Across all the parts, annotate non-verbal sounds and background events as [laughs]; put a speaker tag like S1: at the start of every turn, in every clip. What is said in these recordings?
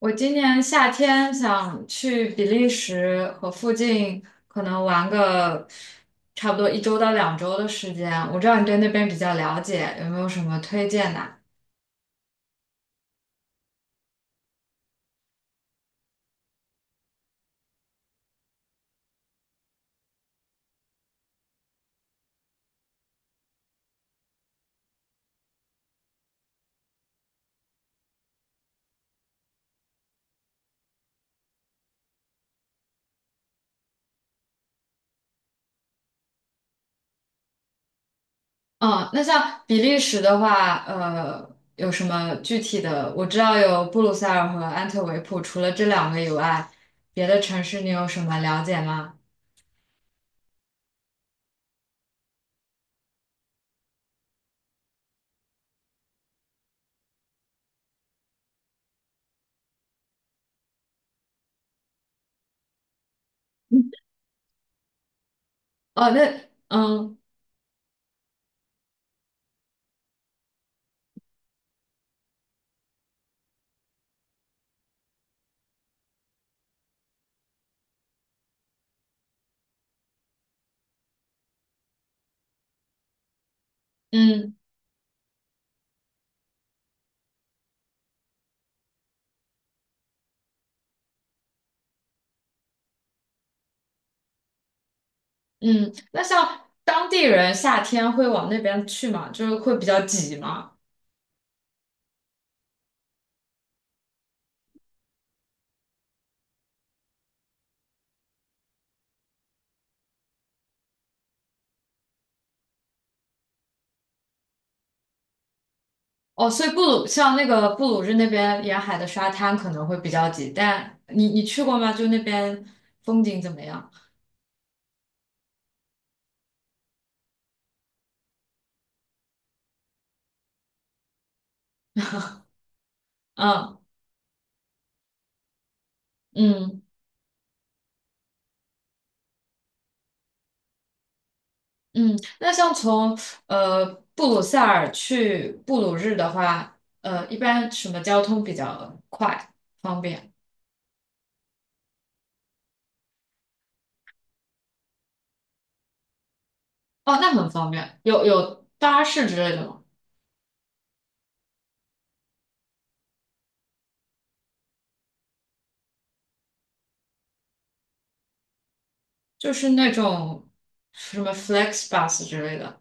S1: 我今年夏天想去比利时和附近，可能玩个差不多一周到两周的时间。我知道你对那边比较了解，有没有什么推荐的啊？嗯，那像比利时的话，有什么具体的？我知道有布鲁塞尔和安特卫普，除了这两个以外，别的城市你有什么了解吗？哦，那嗯嗯嗯，那像当地人夏天会往那边去吗？就是会比较挤吗？哦，所以布鲁像那个布鲁日那边沿海的沙滩可能会比较挤，但你去过吗？就那边风景怎么样？嗯嗯嗯，那像从呃布鲁塞尔去布鲁日的话，一般什么交通比较快方便？哦，那很方便，有巴士之类的吗？就是那种什么 FlexBus 之类的。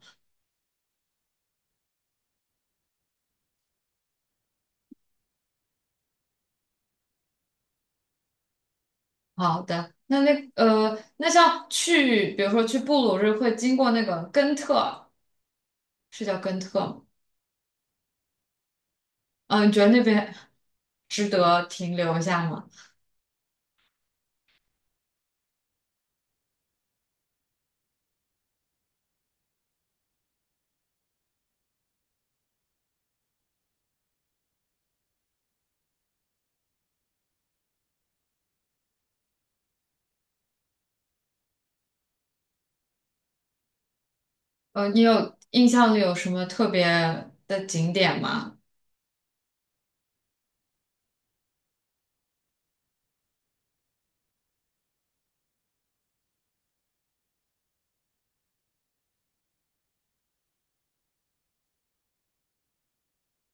S1: 好的，那像去，比如说去布鲁日会经过那个根特，是叫根特吗？嗯、你觉得那边值得停留一下吗？你有印象里有什么特别的景点吗？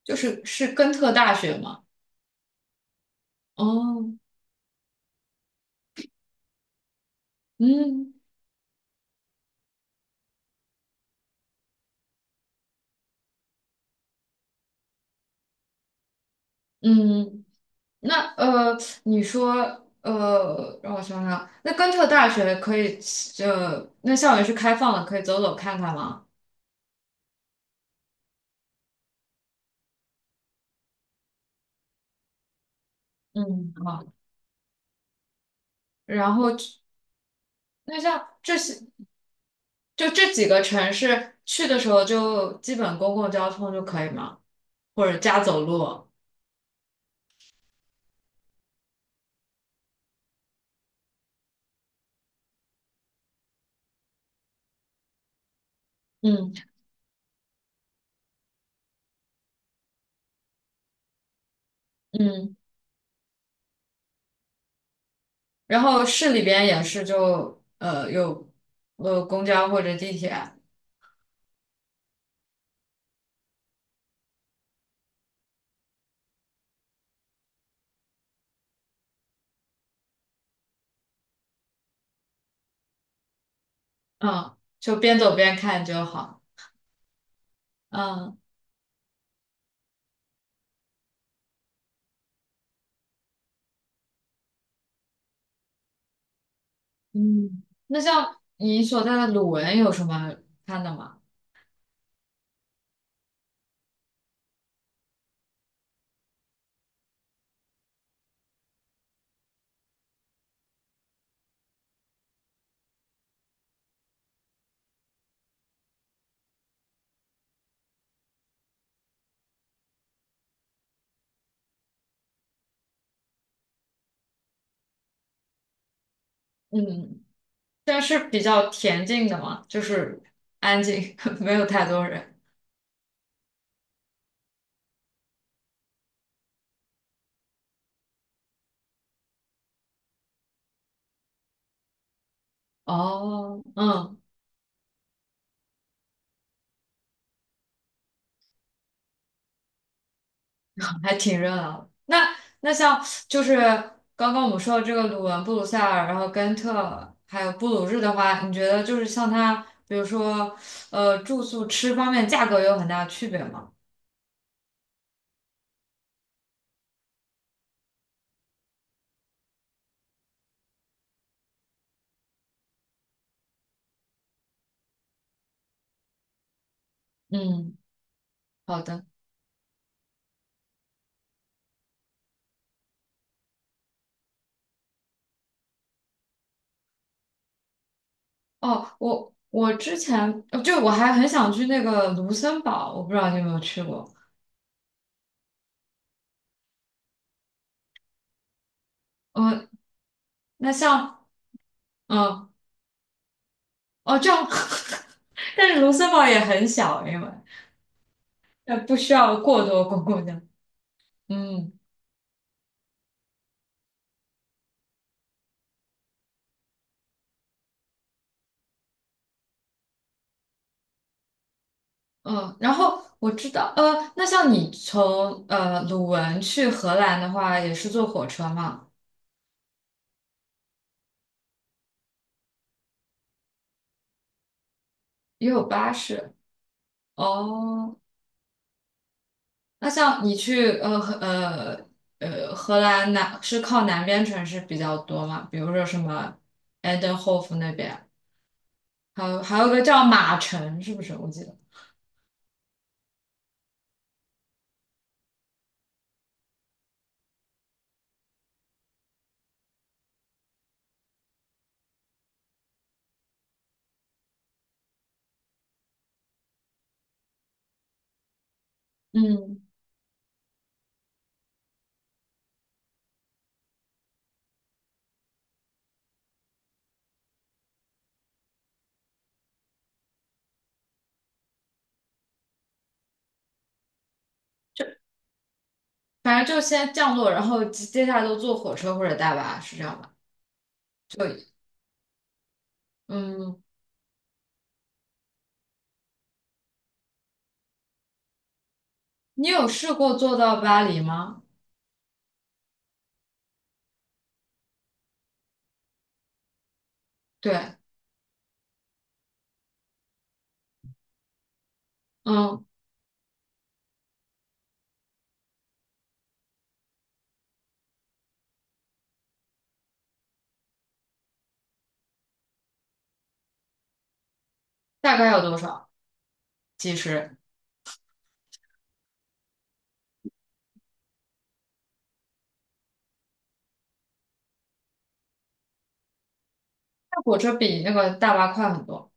S1: 就是是根特大学吗？哦，嗯嗯，那你说让我想想啊，那根特大学可以那校园是开放的，可以走走看看吗？嗯，好。然后那像这些，就这几个城市去的时候，就基本公共交通就可以吗？或者加走路？嗯嗯。然后市里边也是就有公交或者地铁，嗯，就边走边看就好。嗯嗯。那像你所在的鲁文有什么看的吗？嗯，但是比较恬静的嘛，就是安静，[laughs] 没有太多人。哦，嗯。还挺热闹的。那像就是刚刚我们说的这个鲁文、布鲁塞尔，然后根特，还有布鲁日的话，你觉得就是像它，比如说住宿、吃方面，价格有很大的区别吗？嗯，好的。哦，我之前就我还很想去那个卢森堡，我不知道你有没有去过。呃，那像嗯哦这样，[laughs] 但是卢森堡也很小，因为呃不需要过多公共交通。嗯。嗯，然后我知道，那像你从鲁汶去荷兰的话，也是坐火车嘛，也有巴士。哦，那像你去荷兰南是靠南边城市比较多嘛，比如说什么 e i n d h o v 那边，还有个叫马城，是不是？我记得，嗯，就反正就先降落，然后接下来都坐火车或者大巴，是这样吧？嗯，你有试过坐到巴黎吗？对。嗯。大概有多少？几十？那火车比那个大巴快很多。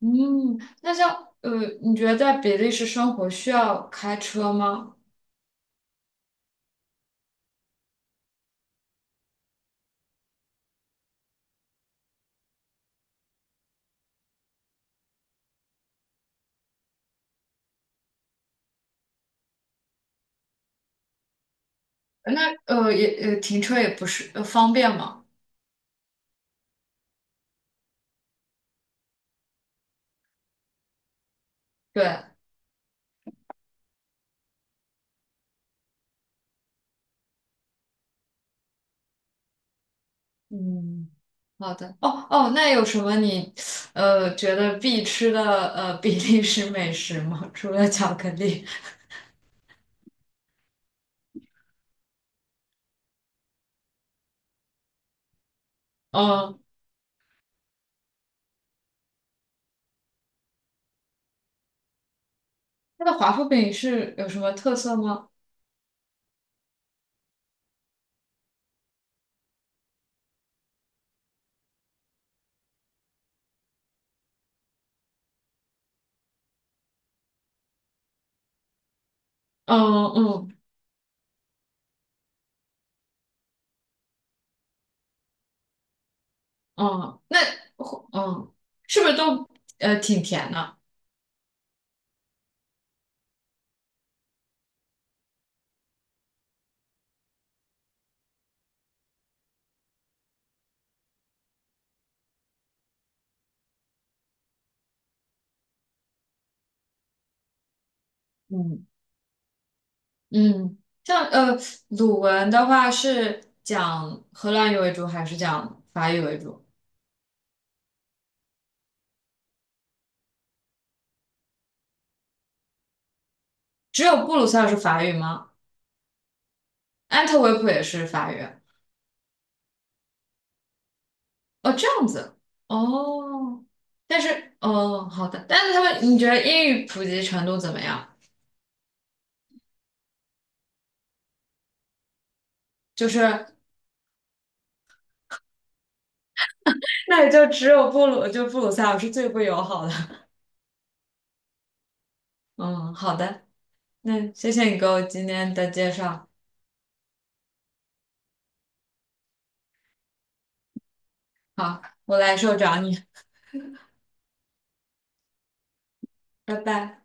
S1: 嗯，那像呃，你觉得在比利时生活需要开车吗？那也停车也不是方便吗？对，嗯，好的。哦哦，那有什么你觉得必吃的比利时美食吗？[laughs] 除了巧克力，嗯，它的华夫饼是有什么特色吗？嗯嗯嗯，那嗯是不是都挺甜的？嗯。嗯，像鲁文的话是讲荷兰语为主还是讲法语为主？只有布鲁塞尔是法语吗？安特卫普也是法语？哦，这样子。哦，但是哦，好的，但是他们，你觉得英语普及程度怎么样？就是 [laughs] 那也就只有布鲁，就布鲁塞尔是最不友好的。[laughs] 嗯，好的，那谢谢你给我今天的介绍。好，我来受找你，拜拜。